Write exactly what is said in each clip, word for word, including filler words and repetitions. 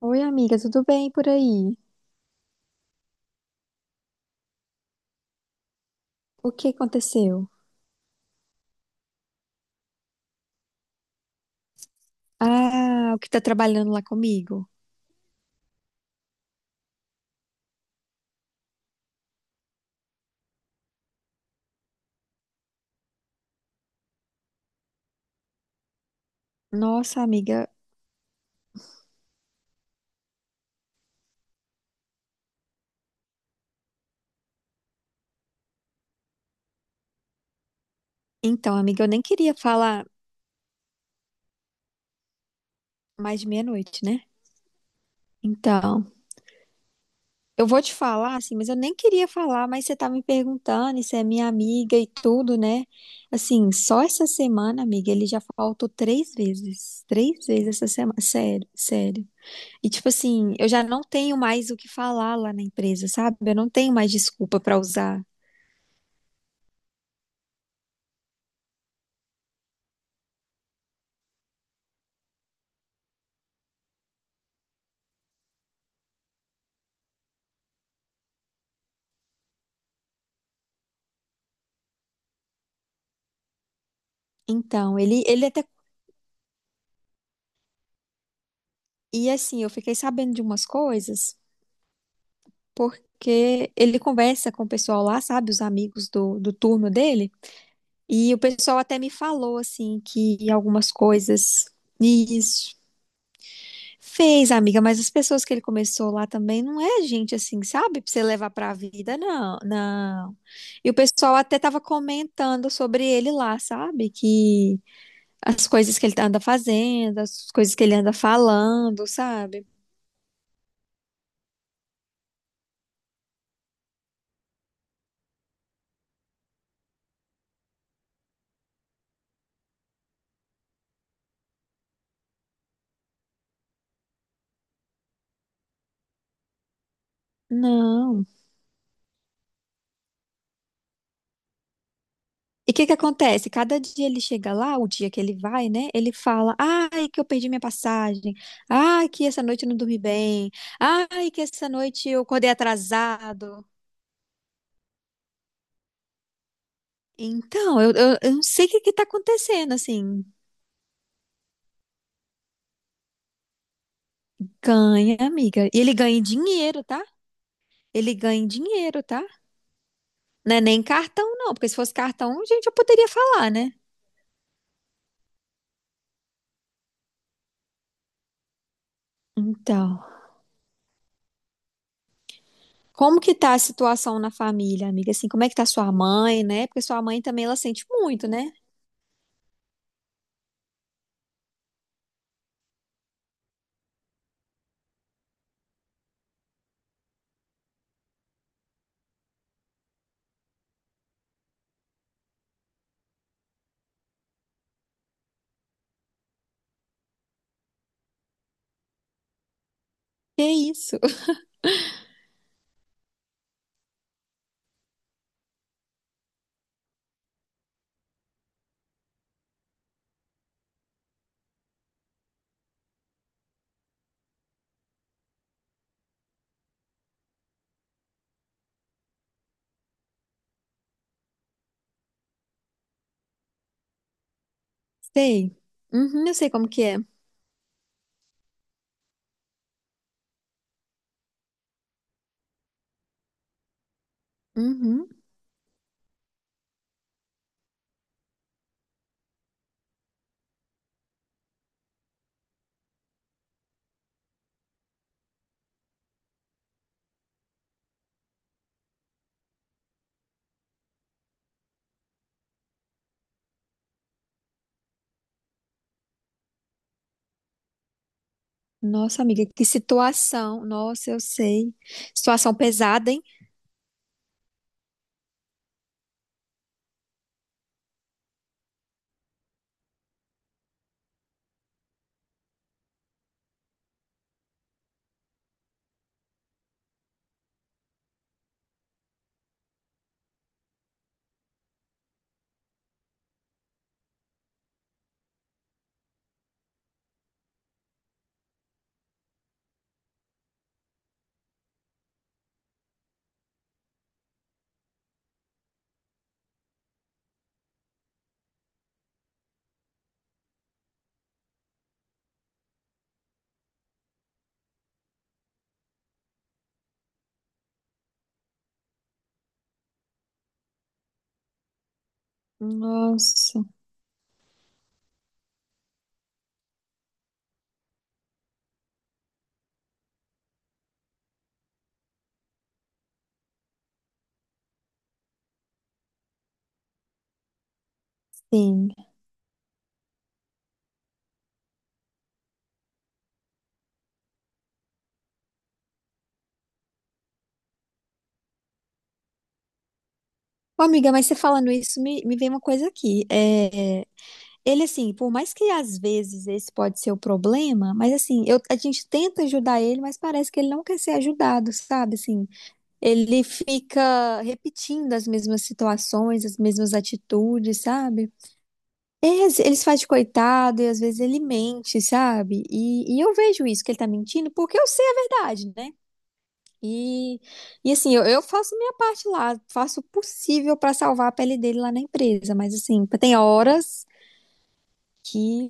Oi, amiga, tudo bem por aí? O que aconteceu? Ah, o que tá trabalhando lá comigo? Nossa, amiga. Então, amiga, eu nem queria falar mais de meia-noite, né? Então, eu vou te falar, assim, mas eu nem queria falar, mas você tá me perguntando, e você é minha amiga e tudo, né? Assim, só essa semana, amiga, ele já faltou três vezes. Três vezes essa semana. Sério, sério. E, tipo assim, eu já não tenho mais o que falar lá na empresa, sabe? Eu não tenho mais desculpa pra usar. Então, ele, ele até E assim, eu fiquei sabendo de umas coisas, porque ele conversa com o pessoal lá, sabe, os amigos do, do turno dele, e o pessoal até me falou, assim, que algumas coisas. Isso. Fez, amiga, mas as pessoas que ele começou lá também não é gente assim, sabe, pra você levar pra vida, não, não. E o pessoal até tava comentando sobre ele lá, sabe, que as coisas que ele anda fazendo, as coisas que ele anda falando, sabe? Não. E o que que acontece? Cada dia ele chega lá, o dia que ele vai, né? Ele fala: "Ai, que eu perdi minha passagem. Ai, que essa noite eu não dormi bem. Ai, que essa noite eu acordei atrasado." Então, eu, eu, eu não sei o que que tá acontecendo, assim. Ganha, amiga. E ele ganha em dinheiro, tá? Ele ganha em dinheiro, tá? Não é nem cartão, não, porque se fosse cartão, gente, eu poderia falar, né? Então, como que tá a situação na família, amiga? Assim, como é que tá sua mãe, né? Porque sua mãe também, ela sente muito, né? Que isso? Sei. Uhum, eu sei como que é. Uhum. Nossa, amiga, que situação. Nossa, eu sei. Situação pesada, hein? Nossa, sim. Ô, amiga, mas você falando isso, me, me vem uma coisa aqui. É, ele, assim, por mais que às vezes esse pode ser o problema, mas assim, eu, a gente tenta ajudar ele, mas parece que ele não quer ser ajudado, sabe? Assim, ele fica repetindo as mesmas situações, as mesmas atitudes, sabe? É, às- eles fazem de coitado e às vezes ele mente, sabe? E, e eu vejo isso, que ele tá mentindo, porque eu sei a verdade, né? E, e assim, eu, eu faço minha parte lá, faço o possível pra salvar a pele dele lá na empresa, mas assim, tem horas que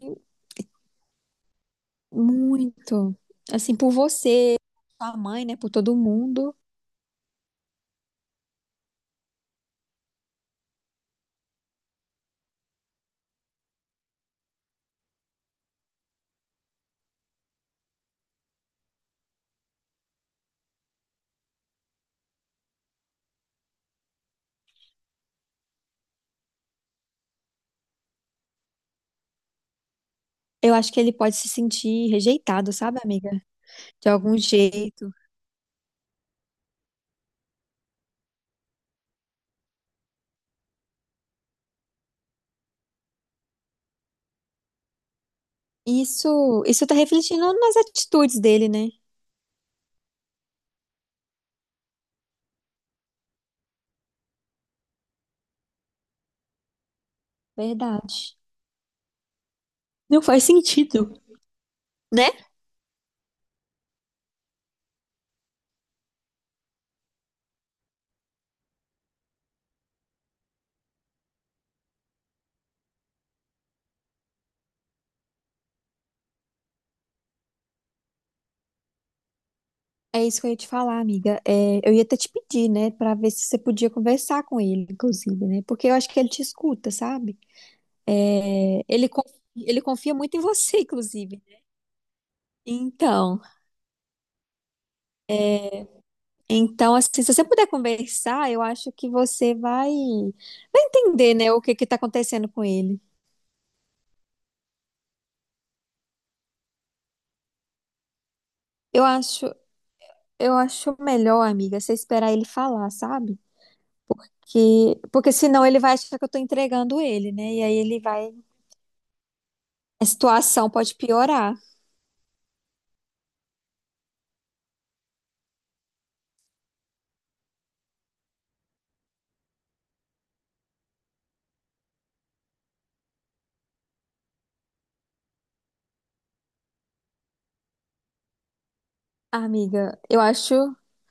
muito, assim, por você, sua mãe, né, por todo mundo, eu acho que ele pode se sentir rejeitado, sabe, amiga? De algum jeito. Isso, isso tá refletindo nas atitudes dele, né? Verdade. Não faz sentido. Né? É isso que eu ia te falar, amiga. É, eu ia até te pedir, né, pra ver se você podia conversar com ele, inclusive, né? Porque eu acho que ele te escuta, sabe? É, ele, con- ele confia muito em você, inclusive. Então, então assim, se você puder conversar, eu acho que você vai, vai entender, né, o que que tá acontecendo com ele. Eu acho, eu acho melhor, amiga, você esperar ele falar, sabe? Que, porque senão ele vai achar que eu tô entregando ele, né? E aí ele vai, a situação pode piorar. Ah, Amiga, eu acho, eu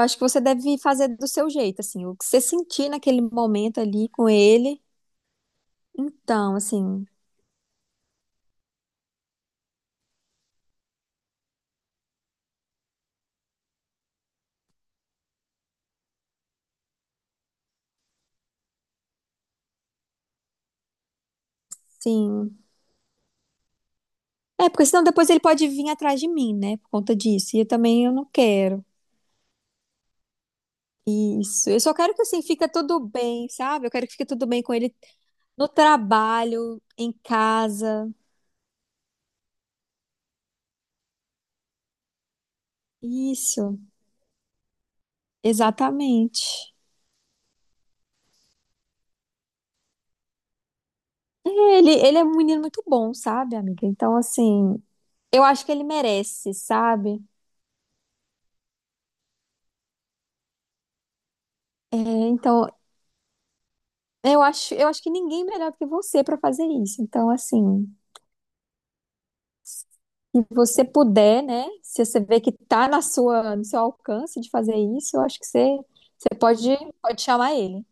acho que você deve fazer do seu jeito, assim, o que você sentir naquele momento ali com ele. Então, assim, sim. É, porque senão depois ele pode vir atrás de mim, né, por conta disso. E eu também eu não quero. Isso. Eu só quero que assim fica tudo bem, sabe? Eu quero que fique tudo bem com ele no trabalho, em casa. Isso. Exatamente. Ele, ele é um menino muito bom, sabe, amiga? Então, assim, eu acho que ele merece, sabe? É, então, Eu acho, eu acho que ninguém é melhor do que você para fazer isso. Então, assim, se você puder, né? Se você vê que tá na sua, no seu alcance de fazer isso, eu acho que você, você pode, pode chamar ele.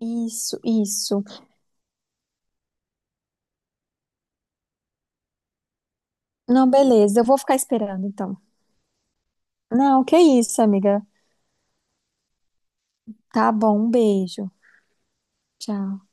Isso, isso. Não, beleza, eu vou ficar esperando então. Não, que isso, amiga. Tá bom, um beijo. Tchau.